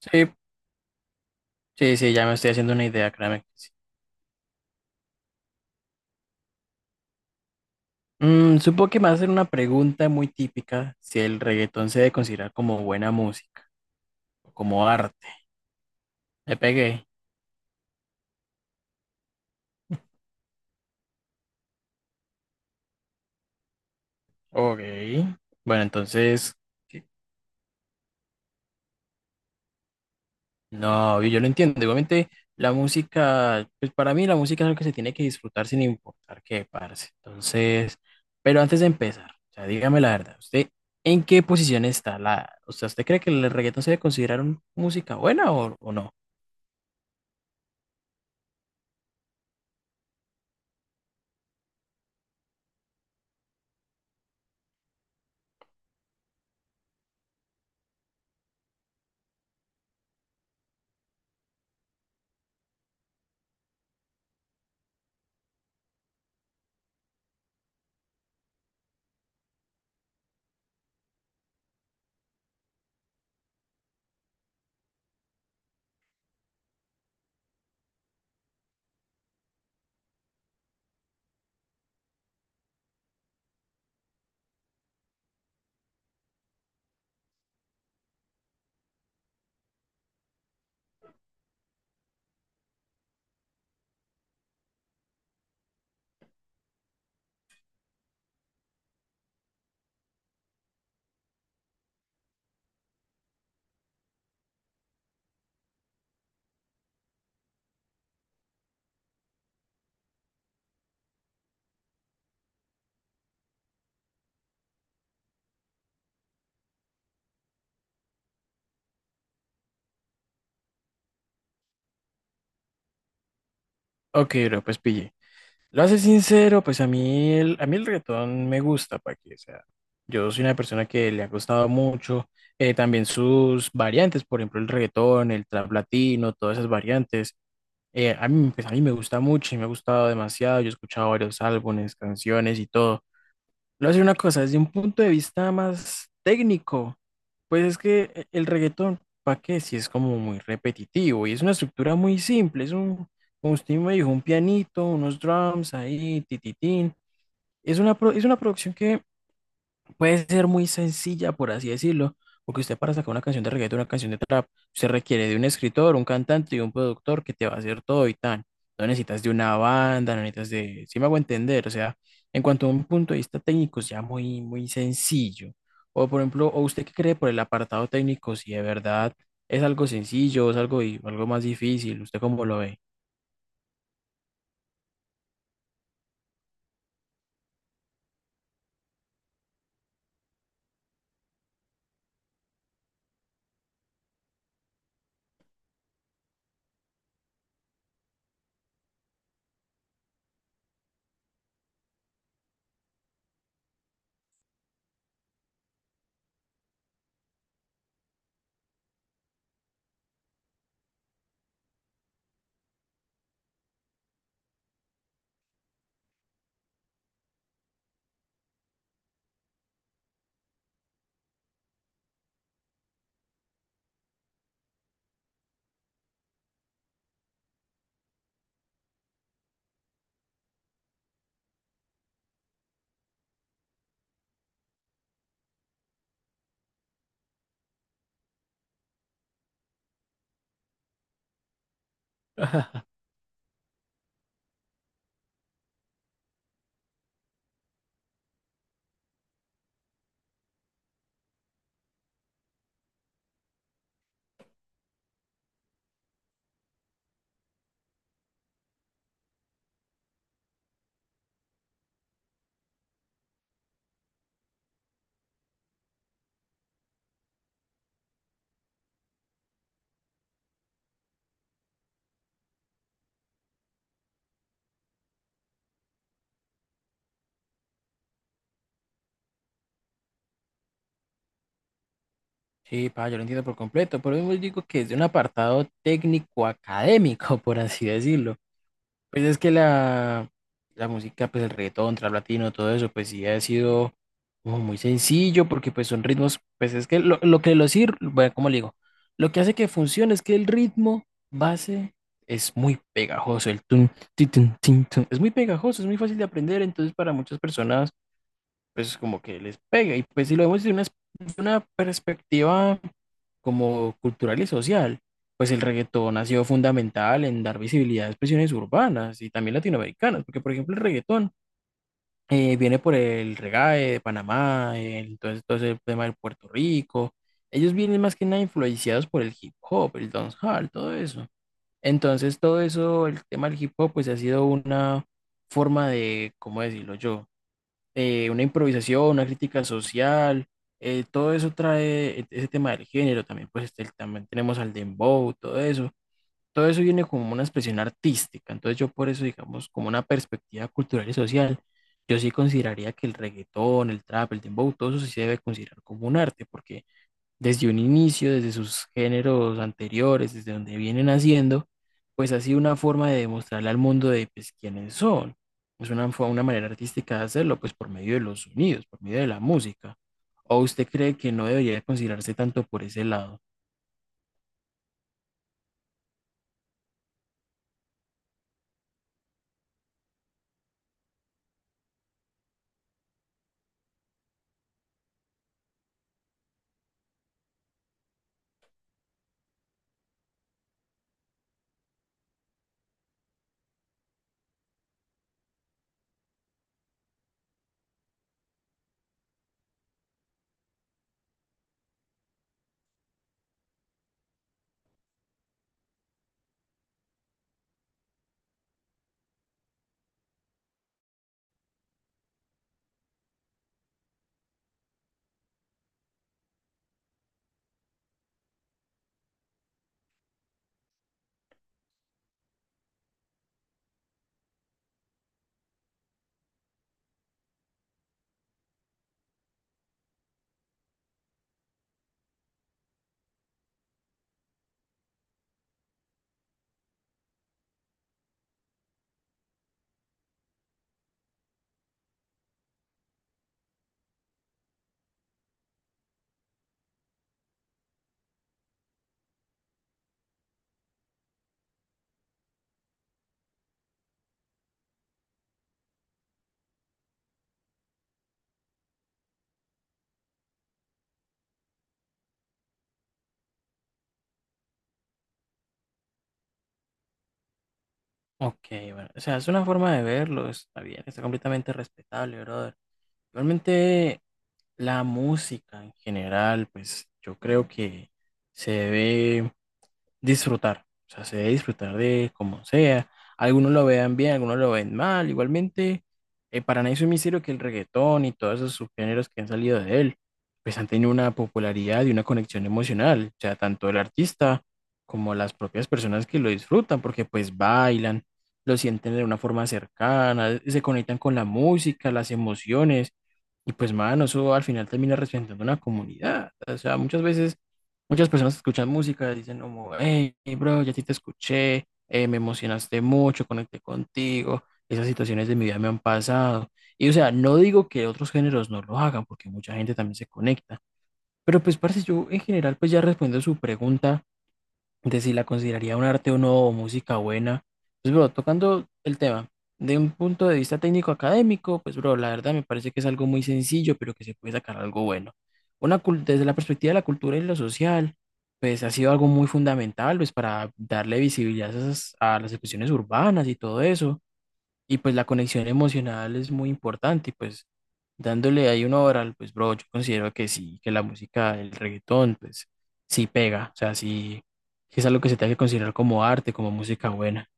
Sí, sí, sí, ya me estoy haciendo una idea, créame que sí. Mm, supongo que me va a hacer una pregunta muy típica si el reggaetón se debe considerar como buena música o como arte. Le pegué. Ok. Bueno, entonces, ¿qué? No, yo lo entiendo. Igualmente, la música, pues para mí la música es algo que se tiene que disfrutar sin importar qué, parce. Entonces, pero antes de empezar, o sea, dígame la verdad, ¿usted en qué posición está la, o sea, ¿usted cree que el reggaetón se debe considerar música buena o no? Ok, bro, pues pille. Lo hace sincero, pues a mí el reggaetón me gusta, para que, o sea, yo soy una persona que le ha gustado mucho, también sus variantes, por ejemplo, el reggaetón, el trap latino, todas esas variantes, a mí, a mí me gusta mucho y me ha gustado demasiado, yo he escuchado varios álbumes, canciones y todo. Le voy a decir una cosa, desde un punto de vista más técnico, pues es que el reggaetón, ¿para qué? Si es como muy repetitivo y es una estructura muy simple, es un, como usted me dijo, un pianito, unos drums ahí, tititín. Es una, es una producción que puede ser muy sencilla, por así decirlo, porque usted para sacar una canción de reggaetón, una canción de trap, usted requiere de un escritor, un cantante y un productor que te va a hacer todo y tan. No necesitas de una banda, no necesitas de, si me hago entender, o sea, en cuanto a un punto de vista técnico, es ya muy sencillo. O por ejemplo, ¿o usted qué cree por el apartado técnico? Si de verdad es algo sencillo, es algo, algo más difícil, ¿usted cómo lo ve? Sí, pa, yo lo entiendo por completo, pero yo digo que es de un apartado técnico académico, por así decirlo. Pues es que la música, pues el reggaetón, trap latino, todo eso, pues sí ha sido como muy sencillo porque pues son ritmos, pues es que lo que lo sirve, bueno, ¿cómo le digo? Lo que hace que funcione es que el ritmo base es muy pegajoso, el tun, ti, tun, tin, tun, es muy pegajoso, es muy fácil de aprender, entonces para muchas personas pues como que les pega. Y pues si lo vemos de una perspectiva como cultural y social, pues el reggaetón ha sido fundamental en dar visibilidad a expresiones urbanas y también latinoamericanas, porque por ejemplo el reggaetón viene por el reggae de Panamá, todo, todo ese tema de Puerto Rico. Ellos vienen más que nada influenciados por el hip hop, el dancehall, todo eso. Entonces todo eso, el tema del hip hop, pues ha sido una forma de, ¿cómo decirlo yo? Una improvisación, una crítica social, todo eso trae ese tema del género, también pues este, también tenemos al dembow, todo eso viene como una expresión artística, entonces yo por eso digamos como una perspectiva cultural y social, yo sí consideraría que el reggaetón, el trap, el dembow, todo eso sí se debe considerar como un arte, porque desde un inicio, desde sus géneros anteriores, desde donde vienen haciendo, pues ha sido una forma de demostrarle al mundo de pues, quiénes son. Es una, fue una manera artística de hacerlo, pues por medio de los sonidos, por medio de la música. ¿O usted cree que no debería considerarse tanto por ese lado? Ok, bueno, o sea, es una forma de verlo, está bien, está completamente respetable, brother. Igualmente, la música en general, pues yo creo que se debe disfrutar. O sea, se debe disfrutar de como sea. Algunos lo vean bien, algunos lo ven mal. Igualmente, para nadie es un misterio que el reggaetón y todos esos subgéneros que han salido de él, pues han tenido una popularidad y una conexión emocional. O sea, tanto el artista como las propias personas que lo disfrutan, porque pues bailan, lo sienten de una forma cercana, se conectan con la música, las emociones. Y pues, mano, eso al final termina representando una comunidad. O sea, muchas veces muchas personas escuchan música, dicen como, hey, bro, ya a ti te escuché, me emocionaste mucho, conecté contigo, esas situaciones de mi vida me han pasado. Y o sea, no digo que otros géneros no lo hagan, porque mucha gente también se conecta. Pero pues, parce, yo en general, pues ya respondo a su pregunta, de si la consideraría un arte o no, o música buena. Pues, bro, tocando el tema de un punto de vista técnico académico, pues, bro, la verdad me parece que es algo muy sencillo, pero que se puede sacar algo bueno. Una, desde la perspectiva de la cultura y lo social, pues ha sido algo muy fundamental, pues, para darle visibilidad a, a las expresiones urbanas y todo eso y pues la conexión emocional es muy importante, y pues dándole ahí una hora, pues bro, yo considero que sí, que la música, el reggaetón, pues sí pega, o sea, sí, sí es algo que se tiene que considerar como arte, como música buena.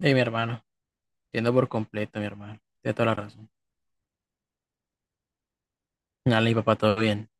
Ey, mi hermano, entiendo por completo, mi hermano, tiene toda la razón. Dale, mi papá, todo bien.